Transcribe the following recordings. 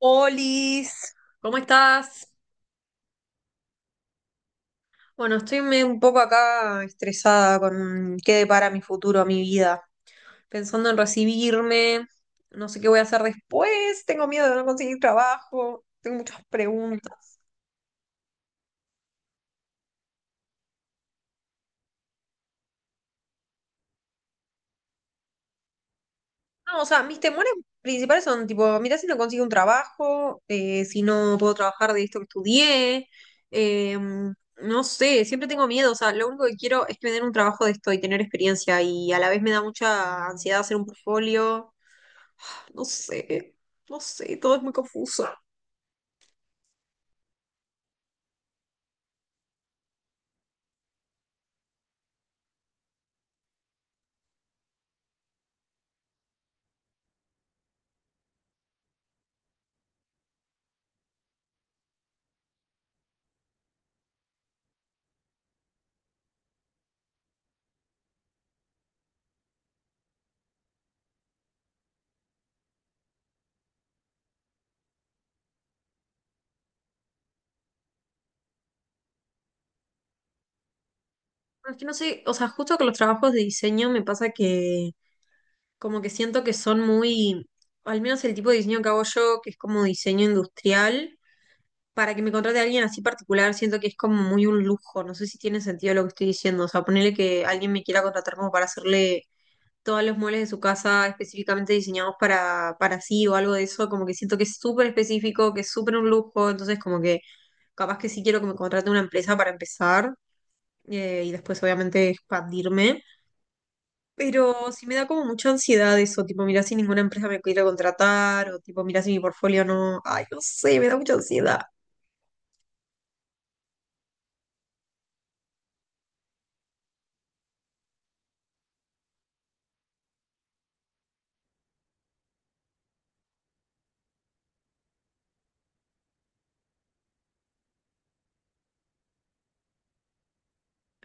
Olis, ¿cómo estás? Bueno, estoy un poco acá estresada con qué depara mi futuro, mi vida. Pensando en recibirme, no sé qué voy a hacer después, tengo miedo de no conseguir trabajo, tengo muchas preguntas. No, o sea, mis temores principales son tipo, mirá si no consigo un trabajo, si no puedo trabajar de esto que estudié, eh, no sé, siempre tengo miedo, o sea, lo único que quiero es que me den un trabajo de esto y tener experiencia y a la vez me da mucha ansiedad hacer un portfolio. No sé, no sé, todo es muy confuso. Pero es que no sé, o sea, justo con los trabajos de diseño me pasa que como que siento que son muy, al menos el tipo de diseño que hago yo, que es como diseño industrial, para que me contrate a alguien así particular, siento que es como muy un lujo. No sé si tiene sentido lo que estoy diciendo. O sea, ponerle que alguien me quiera contratar como para hacerle todos los muebles de su casa específicamente diseñados para sí o algo de eso, como que siento que es súper específico, que es súper un lujo, entonces como que capaz que sí quiero que me contrate una empresa para empezar, y después obviamente expandirme. Pero sí me da como mucha ansiedad eso, tipo, mira si ninguna empresa me quiere contratar o tipo, mira si mi portfolio no, ay, no sé, me da mucha ansiedad.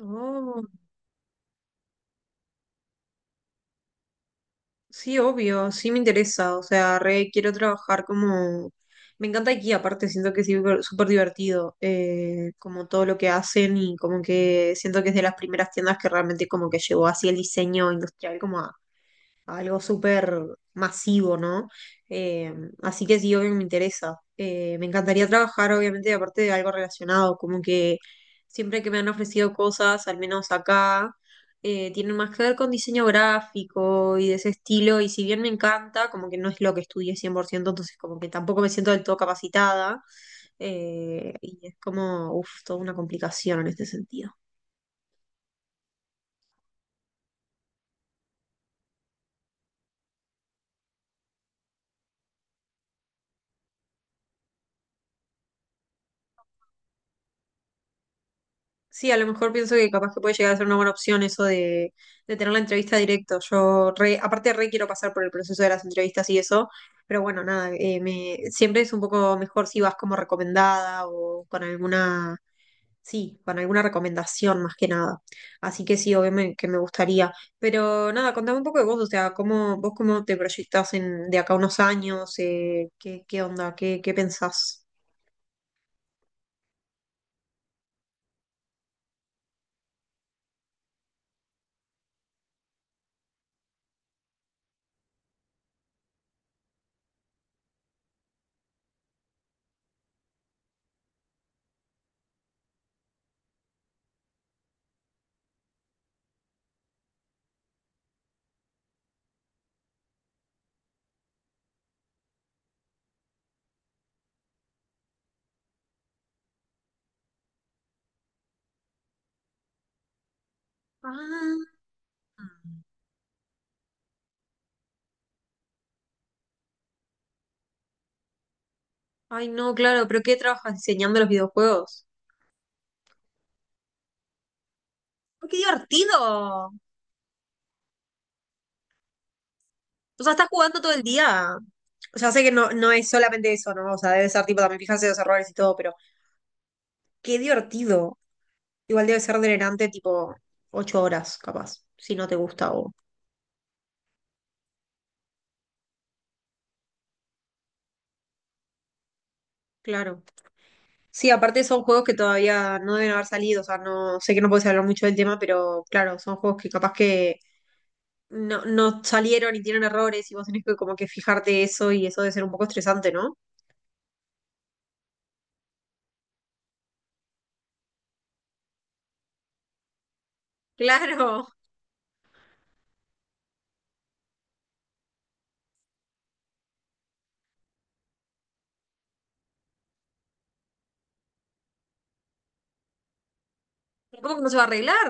Oh. Sí, obvio, sí me interesa, o sea, re quiero trabajar como... Me encanta aquí, aparte siento que es súper súper divertido, como todo lo que hacen y como que siento que es de las primeras tiendas que realmente como que llevó así el diseño industrial como algo súper masivo, ¿no? Eh, así que sí, obvio que me interesa. Me encantaría trabajar, obviamente, aparte de algo relacionado, como que siempre que me han ofrecido cosas, al menos acá, tienen más que ver con diseño gráfico y de ese estilo, y si bien me encanta, como que no es lo que estudié 100%, entonces como que tampoco me siento del todo capacitada, y es como, uff, toda una complicación en este sentido. Sí, a lo mejor pienso que capaz que puede llegar a ser una buena opción eso de, tener la entrevista directo. Yo re, aparte re quiero pasar por el proceso de las entrevistas y eso, pero bueno, nada, siempre es un poco mejor si vas como recomendada o con alguna, sí, con alguna recomendación más que nada. Así que sí, obviamente que me gustaría. Pero nada, contame un poco de vos, o sea, cómo, vos cómo te proyectás en, de acá a unos años, qué, qué, onda, qué pensás. Ah. Ay, no, claro, pero ¿qué trabajas diseñando los videojuegos? ¡Ay, qué divertido! O sea, estás jugando todo el día. O sea, sé que no, no es solamente eso, ¿no? O sea, debe ser tipo también fijarse en los errores y todo, pero qué divertido. Igual debe ser drenante tipo 8 horas, capaz, si no te gusta o... Claro. Sí, aparte son juegos que todavía no deben haber salido, o sea, no sé que no puedes hablar mucho del tema, pero claro, son juegos que capaz que no, no salieron y tienen errores y vos tenés que como que fijarte eso y eso debe ser un poco estresante, ¿no? Claro. ¿Cómo que no se va a arreglar?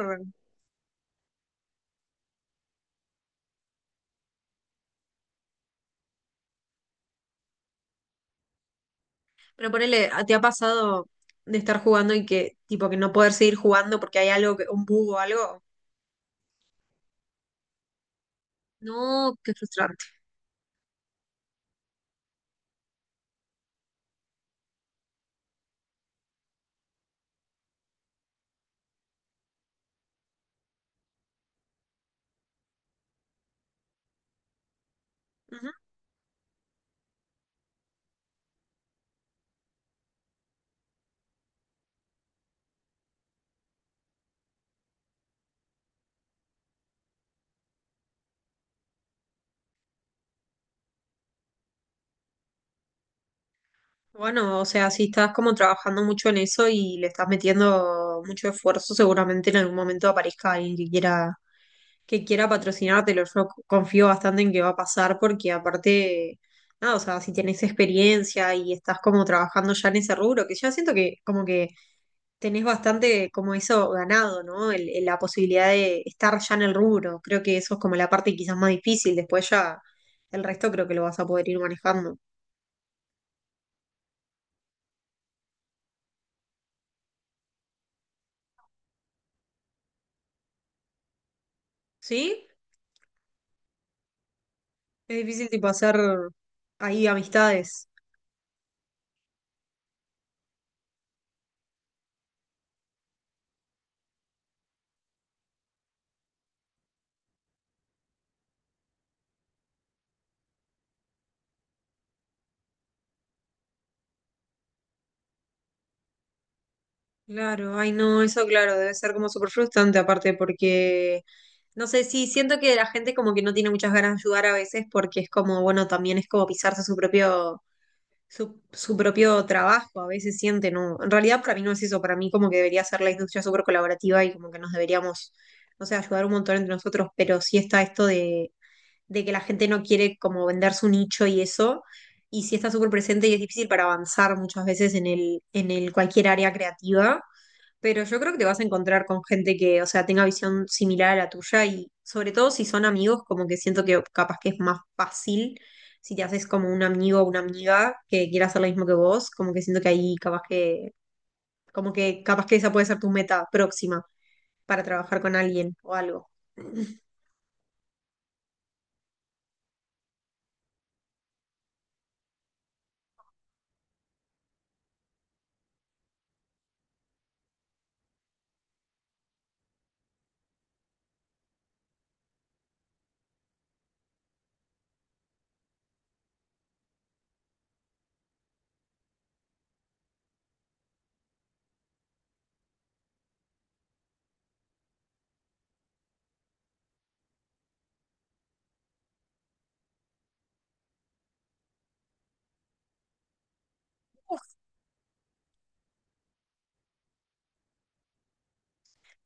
Pero ponele, ¿te ha pasado de estar jugando y que, tipo, que no poder seguir jugando porque hay algo, que, un bug o algo? No, qué frustrante. Ujú. Bueno, o sea, si estás como trabajando mucho en eso y le estás metiendo mucho esfuerzo, seguramente en algún momento aparezca alguien que quiera patrocinártelo. Yo confío bastante en que va a pasar porque aparte, nada, o sea, si tenés experiencia y estás como trabajando ya en ese rubro, que ya siento que como que tenés bastante como eso ganado, ¿no? La posibilidad de estar ya en el rubro. Creo que eso es como la parte quizás más difícil. Después ya el resto creo que lo vas a poder ir manejando. ¿Sí? Es difícil tipo hacer ahí amistades. Claro, ay no, eso claro, debe ser como súper frustrante aparte porque, no sé, sí, siento que la gente como que no tiene muchas ganas de ayudar a veces porque es como, bueno, también es como pisarse su propio, su propio trabajo, a veces siente, ¿no? En realidad para mí no es eso, para mí como que debería ser la industria súper colaborativa y como que nos deberíamos, no sé, ayudar un montón entre nosotros, pero sí está esto de, que la gente no quiere como vender su nicho y eso. Y sí está súper presente y es difícil para avanzar muchas veces en el cualquier área creativa. Pero yo creo que te vas a encontrar con gente que, o sea, tenga visión similar a la tuya y sobre todo si son amigos, como que siento que capaz que es más fácil si te haces como un amigo o una amiga que quiera hacer lo mismo que vos, como que siento que ahí capaz que, como que capaz que esa puede ser tu meta próxima para trabajar con alguien o algo. Uf,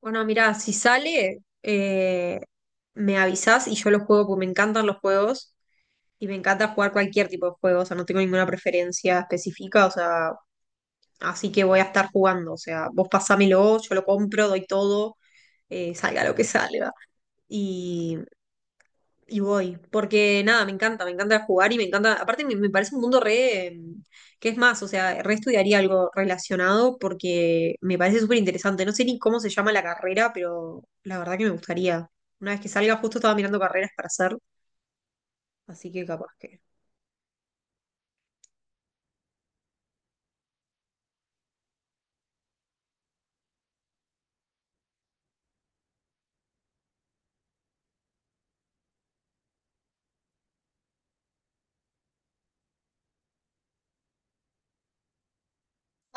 bueno, mira, si sale, me avisás y yo lo juego porque me encantan los juegos y me encanta jugar cualquier tipo de juegos, o sea, no tengo ninguna preferencia específica, o sea, así que voy a estar jugando. O sea, vos pasámelo, yo lo compro, doy todo, salga lo que salga. Y, y voy. Porque nada, me encanta jugar y me encanta. Aparte, me parece un mundo re. ¿Qué es más? O sea, re estudiaría algo relacionado porque me parece súper interesante. No sé ni cómo se llama la carrera, pero la verdad que me gustaría. Una vez que salga, justo estaba mirando carreras para hacer. Así que capaz que.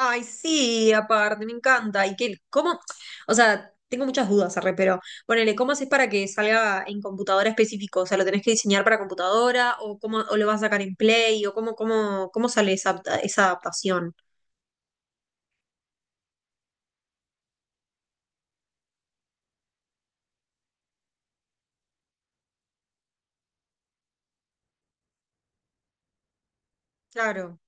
Ay, sí, aparte, me encanta. ¿Y qué, cómo? O sea, tengo muchas dudas, arre, pero ponele, ¿cómo haces para que salga en computadora específico? O sea, ¿lo tenés que diseñar para computadora? ¿O cómo o lo vas a sacar en Play? ¿O cómo, sale esa, esa adaptación? Claro.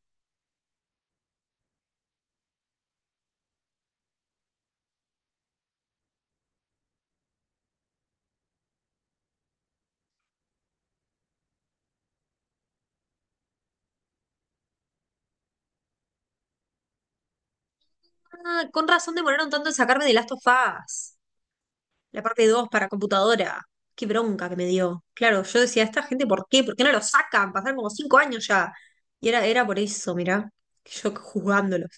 Ah, con razón demoraron tanto en sacarme de Last of Us, la parte 2 para computadora. Qué bronca que me dio. Claro, yo decía, ¿esta gente por qué? ¿Por qué no lo sacan? Pasaron como 5 años ya. Y era por eso, mirá, yo juzgándolos.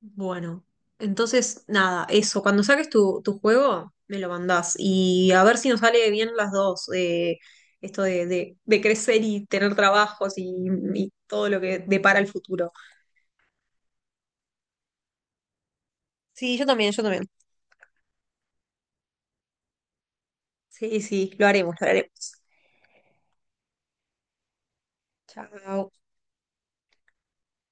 Bueno, entonces nada, eso, cuando saques tu juego, me lo mandás y a ver si nos sale bien las dos, esto de, de crecer y tener trabajos y todo lo que depara el futuro. Sí, yo también, yo también. Sí, sí, lo haremos, lo haremos. Chao.